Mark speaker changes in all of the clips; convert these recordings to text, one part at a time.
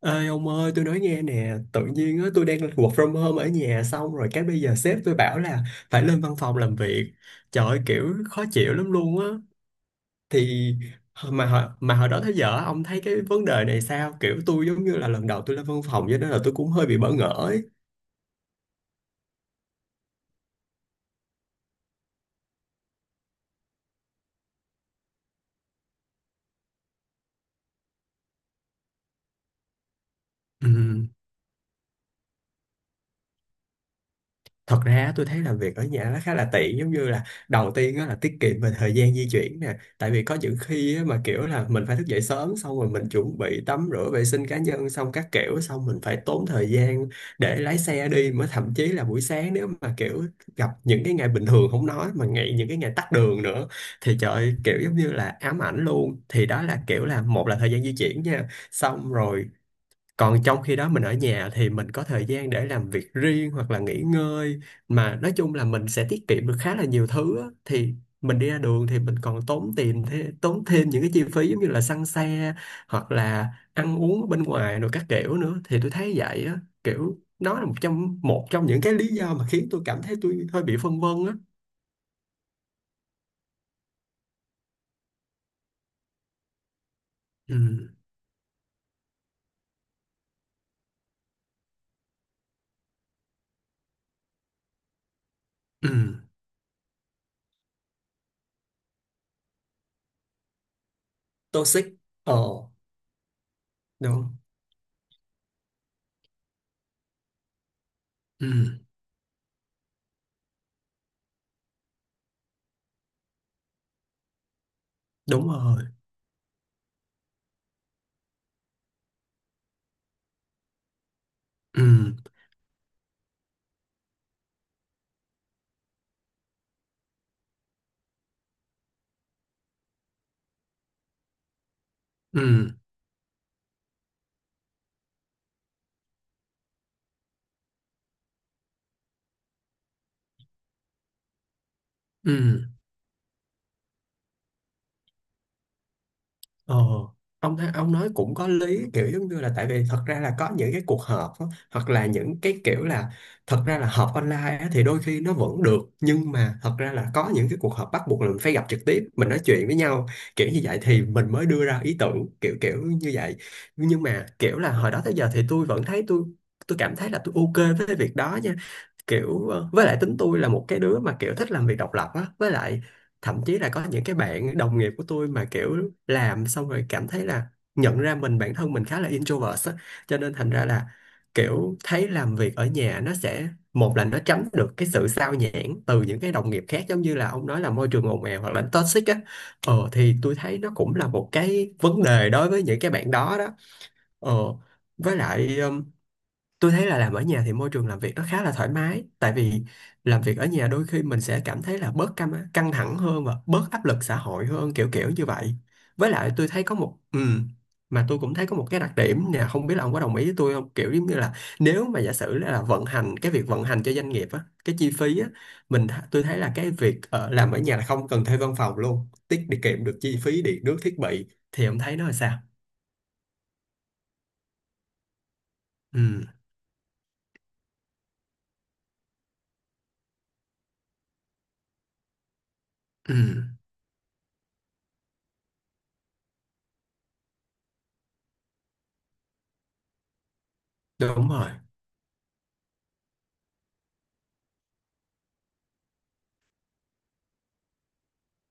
Speaker 1: Ê ông ơi, tôi nói nghe nè. Tự nhiên á, tôi đang work from home ở nhà, xong rồi cái bây giờ sếp tôi bảo là phải lên văn phòng làm việc. Trời ơi, kiểu khó chịu lắm luôn á. Thì mà hồi đó tới giờ á, ông thấy cái vấn đề này sao? Kiểu tôi giống như là lần đầu tôi lên văn phòng, cho nên là tôi cũng hơi bị bỡ ngỡ ấy. Ừ. Thật ra tôi thấy làm việc ở nhà nó khá là tiện, giống như là đầu tiên á là tiết kiệm về thời gian di chuyển nè, tại vì có những khi á mà kiểu là mình phải thức dậy sớm, xong rồi mình chuẩn bị tắm rửa vệ sinh cá nhân xong các kiểu, xong mình phải tốn thời gian để lái xe đi, mới thậm chí là buổi sáng nếu mà kiểu gặp những cái ngày bình thường không nói, mà ngày những cái ngày tắc đường nữa thì trời ơi, kiểu giống như là ám ảnh luôn. Thì đó là kiểu là một là thời gian di chuyển nha, xong rồi còn trong khi đó mình ở nhà thì mình có thời gian để làm việc riêng hoặc là nghỉ ngơi, mà nói chung là mình sẽ tiết kiệm được khá là nhiều thứ á. Thì mình đi ra đường thì mình còn tốn tiền thế, tốn thêm những cái chi phí giống như là xăng xe hoặc là ăn uống ở bên ngoài rồi các kiểu nữa. Thì tôi thấy vậy á, kiểu nó là một trong những cái lý do mà khiến tôi cảm thấy tôi hơi bị phân vân á. Ừ, ừ, toxic, ờ, đúng, ừ, đúng rồi, ừ, ừ, ừ. Ờ, ông nói cũng có lý, kiểu giống như là tại vì thật ra là có những cái cuộc họp á, hoặc là những cái kiểu là thật ra là họp online á, thì đôi khi nó vẫn được, nhưng mà thật ra là có những cái cuộc họp bắt buộc là mình phải gặp trực tiếp, mình nói chuyện với nhau kiểu như vậy thì mình mới đưa ra ý tưởng kiểu kiểu như vậy. Nhưng mà kiểu là hồi đó tới giờ thì tôi vẫn thấy tôi cảm thấy là tôi ok với cái việc đó nha. Kiểu với lại tính tôi là một cái đứa mà kiểu thích làm việc độc lập á, với lại thậm chí là có những cái bạn đồng nghiệp của tôi mà kiểu làm xong rồi cảm thấy là nhận ra bản thân mình khá là introvert á, cho nên thành ra là kiểu thấy làm việc ở nhà nó sẽ một là nó tránh được cái sự sao nhãng từ những cái đồng nghiệp khác, giống như là ông nói là môi trường ồn ào hoặc là toxic á. Ờ thì tôi thấy nó cũng là một cái vấn đề đối với những cái bạn đó đó. Ờ, với lại tôi thấy là làm ở nhà thì môi trường làm việc nó khá là thoải mái, tại vì làm việc ở nhà đôi khi mình sẽ cảm thấy là bớt căng căng thẳng hơn và bớt áp lực xã hội hơn, kiểu kiểu như vậy. Với lại tôi thấy có một mà tôi cũng thấy có một cái đặc điểm nè, không biết là ông có đồng ý với tôi không, kiểu giống như là nếu mà giả sử là vận hành cái việc vận hành cho doanh nghiệp á, cái chi phí á, tôi thấy là cái việc làm ở nhà là không cần thuê văn phòng luôn, tiết đi kiệm được chi phí điện nước thiết bị. Thì ông thấy nó là sao? Ừ, ừ, đúng rồi,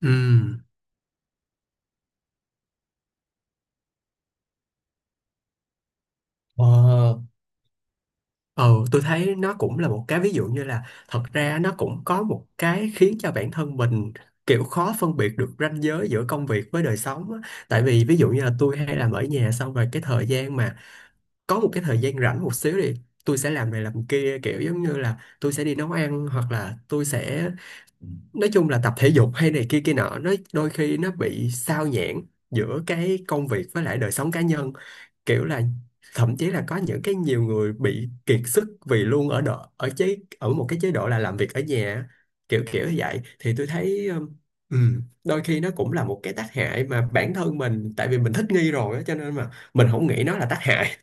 Speaker 1: ừ. Ờ, ừ, tôi thấy nó cũng là một cái ví dụ như là thật ra nó cũng có một cái khiến cho bản thân mình kiểu khó phân biệt được ranh giới giữa công việc với đời sống á. Tại vì ví dụ như là tôi hay làm ở nhà xong rồi cái thời gian mà có một cái thời gian rảnh một xíu thì tôi sẽ làm này làm kia, kiểu giống như là tôi sẽ đi nấu ăn hoặc là tôi sẽ nói chung là tập thể dục hay này kia kia nọ, nó đôi khi nó bị sao nhãng giữa cái công việc với lại đời sống cá nhân, kiểu là thậm chí là có những cái nhiều người bị kiệt sức vì luôn ở độ ở chế ở một cái chế độ là làm việc ở nhà kiểu kiểu như vậy. Thì tôi thấy đôi khi nó cũng là một cái tác hại mà bản thân mình, tại vì mình thích nghi rồi á cho nên mà mình không nghĩ nó là tác hại.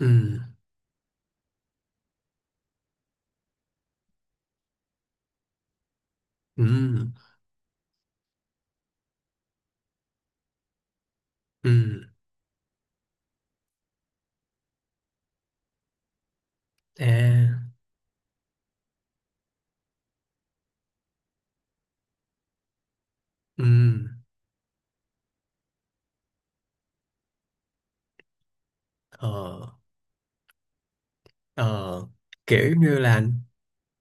Speaker 1: Ừm, ừm, ừm, à, ừm, ờ, ờ, kiểu như là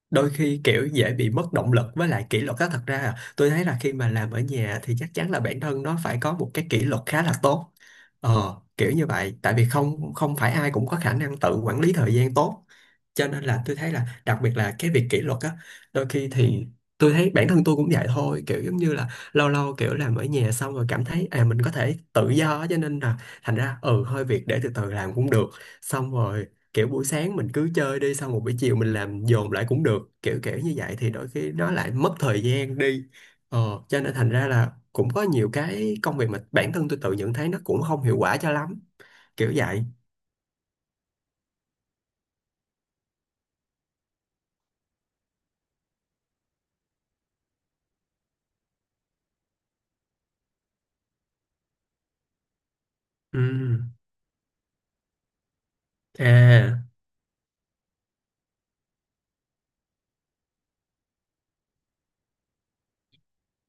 Speaker 1: đôi khi kiểu dễ bị mất động lực với lại kỷ luật á. Thật ra à, tôi thấy là khi mà làm ở nhà thì chắc chắn là bản thân nó phải có một cái kỷ luật khá là tốt. Ờ kiểu như vậy, tại vì không không phải ai cũng có khả năng tự quản lý thời gian tốt, cho nên là tôi thấy là đặc biệt là cái việc kỷ luật á, đôi khi thì tôi thấy bản thân tôi cũng vậy thôi, kiểu giống như là lâu lâu kiểu làm ở nhà xong rồi cảm thấy à mình có thể tự do á, cho nên là thành ra ừ hơi việc để từ từ làm cũng được, xong rồi kiểu buổi sáng mình cứ chơi đi, xong một buổi chiều mình làm dồn lại cũng được, kiểu kiểu như vậy thì đôi khi nó lại mất thời gian đi. Ờ, cho nên thành ra là cũng có nhiều cái công việc mà bản thân tôi tự nhận thấy nó cũng không hiệu quả cho lắm, kiểu vậy. Ừ, à,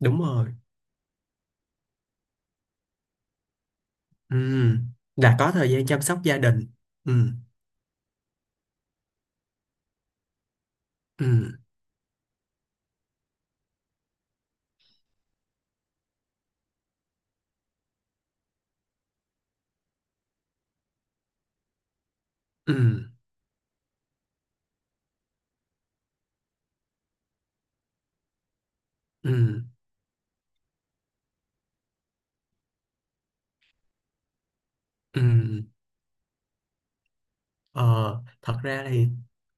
Speaker 1: đúng rồi, ừ, là có thời gian chăm sóc gia đình, ừ, ừ, ừ, ừ, ừ. Ờ, thật ra thì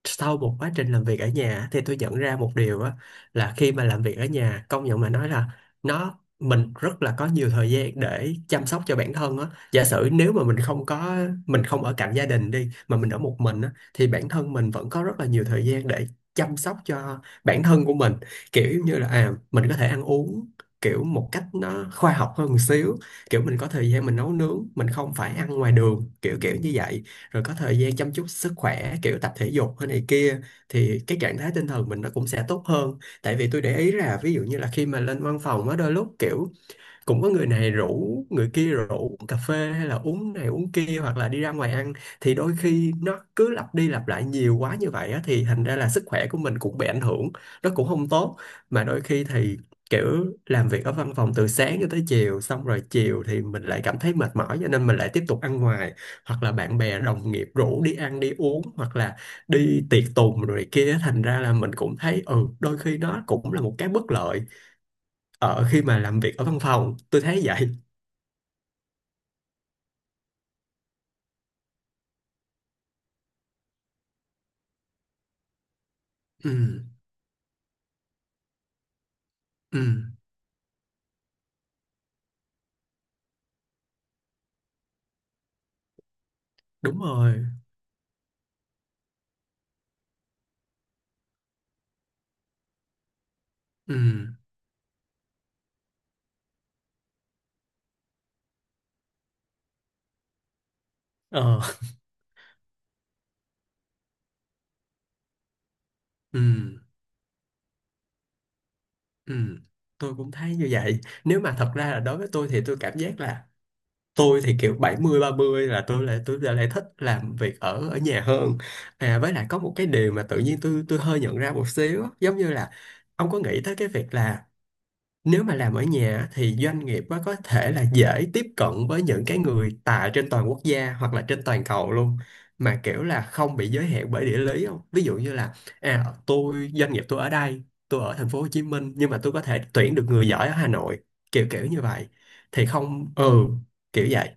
Speaker 1: sau một quá trình làm việc ở nhà thì tôi nhận ra một điều á, là khi mà làm việc ở nhà, công nhận mà nói là nó mình rất là có nhiều thời gian để chăm sóc cho bản thân á. Giả sử nếu mà mình không ở cạnh gia đình đi, mà mình ở một mình á, thì bản thân mình vẫn có rất là nhiều thời gian để chăm sóc cho bản thân của mình. Kiểu như là à mình có thể ăn uống kiểu một cách nó khoa học hơn một xíu, kiểu mình có thời gian mình nấu nướng, mình không phải ăn ngoài đường kiểu kiểu như vậy, rồi có thời gian chăm chút sức khỏe kiểu tập thể dục hay này kia, thì cái trạng thái tinh thần mình nó cũng sẽ tốt hơn. Tại vì tôi để ý là ví dụ như là khi mà lên văn phòng á, đôi lúc kiểu cũng có người này rủ người kia rủ cà phê hay là uống này uống kia, hoặc là đi ra ngoài ăn, thì đôi khi nó cứ lặp đi lặp lại nhiều quá như vậy á, thì thành ra là sức khỏe của mình cũng bị ảnh hưởng, nó cũng không tốt. Mà đôi khi thì kiểu làm việc ở văn phòng từ sáng cho tới chiều, xong rồi chiều thì mình lại cảm thấy mệt mỏi, cho nên mình lại tiếp tục ăn ngoài hoặc là bạn bè đồng nghiệp rủ đi ăn đi uống hoặc là đi tiệc tùng rồi kia. Thành ra là mình cũng thấy ừ đôi khi nó cũng là một cái bất lợi ở khi mà làm việc ở văn phòng, tôi thấy vậy. Ừ, ừ, đúng rồi, ừ, ờ, ừ, ừ, tôi cũng thấy như vậy. Nếu mà thật ra là đối với tôi thì tôi cảm giác là tôi thì kiểu 70/30 là tôi lại thích làm việc ở ở nhà hơn. À, với lại có một cái điều mà tự nhiên tôi hơi nhận ra một xíu, giống như là ông có nghĩ tới cái việc là nếu mà làm ở nhà thì doanh nghiệp á, có thể là dễ tiếp cận với những cái người tại trên toàn quốc gia hoặc là trên toàn cầu luôn, mà kiểu là không bị giới hạn bởi địa lý, không? Ví dụ như là à doanh nghiệp tôi ở đây, tôi ở thành phố Hồ Chí Minh nhưng mà tôi có thể tuyển được người giỏi ở Hà Nội, kiểu kiểu như vậy thì không, ừ, kiểu vậy.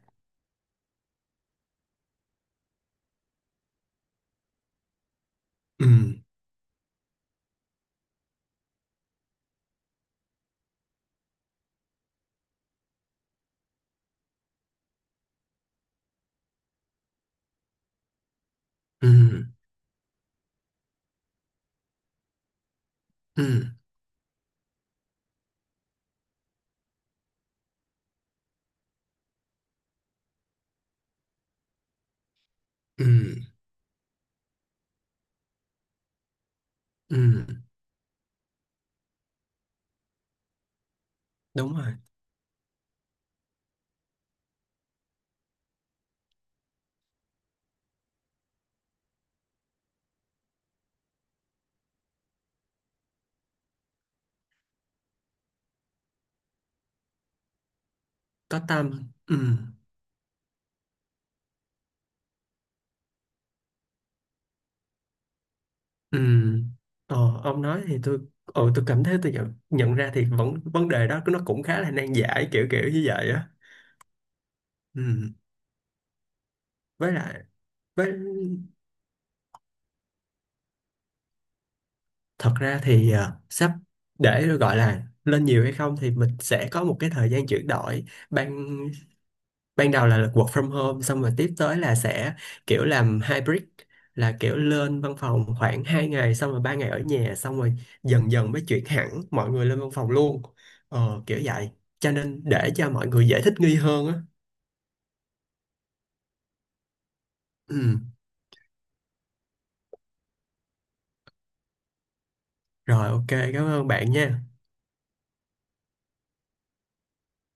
Speaker 1: Ừ, ừ, ừ, ừ, ừ, đúng rồi, có tâm, ừ, ừ. Ờ, ông nói thì tôi cảm thấy tôi nhận ra thì vẫn vấn đề đó nó cũng khá là nan giải, kiểu kiểu như vậy á. Ừ. với lại với Thật ra thì à, sắp để gọi là lên nhiều hay không thì mình sẽ có một cái thời gian chuyển đổi. Ban Ban đầu là work from home, xong rồi tiếp tới là sẽ kiểu làm hybrid, là kiểu lên văn phòng khoảng 2 ngày xong rồi 3 ngày ở nhà, xong rồi dần dần mới chuyển hẳn mọi người lên văn phòng luôn. Ờ, kiểu vậy, cho nên để cho mọi người dễ thích nghi hơn á. Ừ. Rồi ok, cảm ơn bạn nha.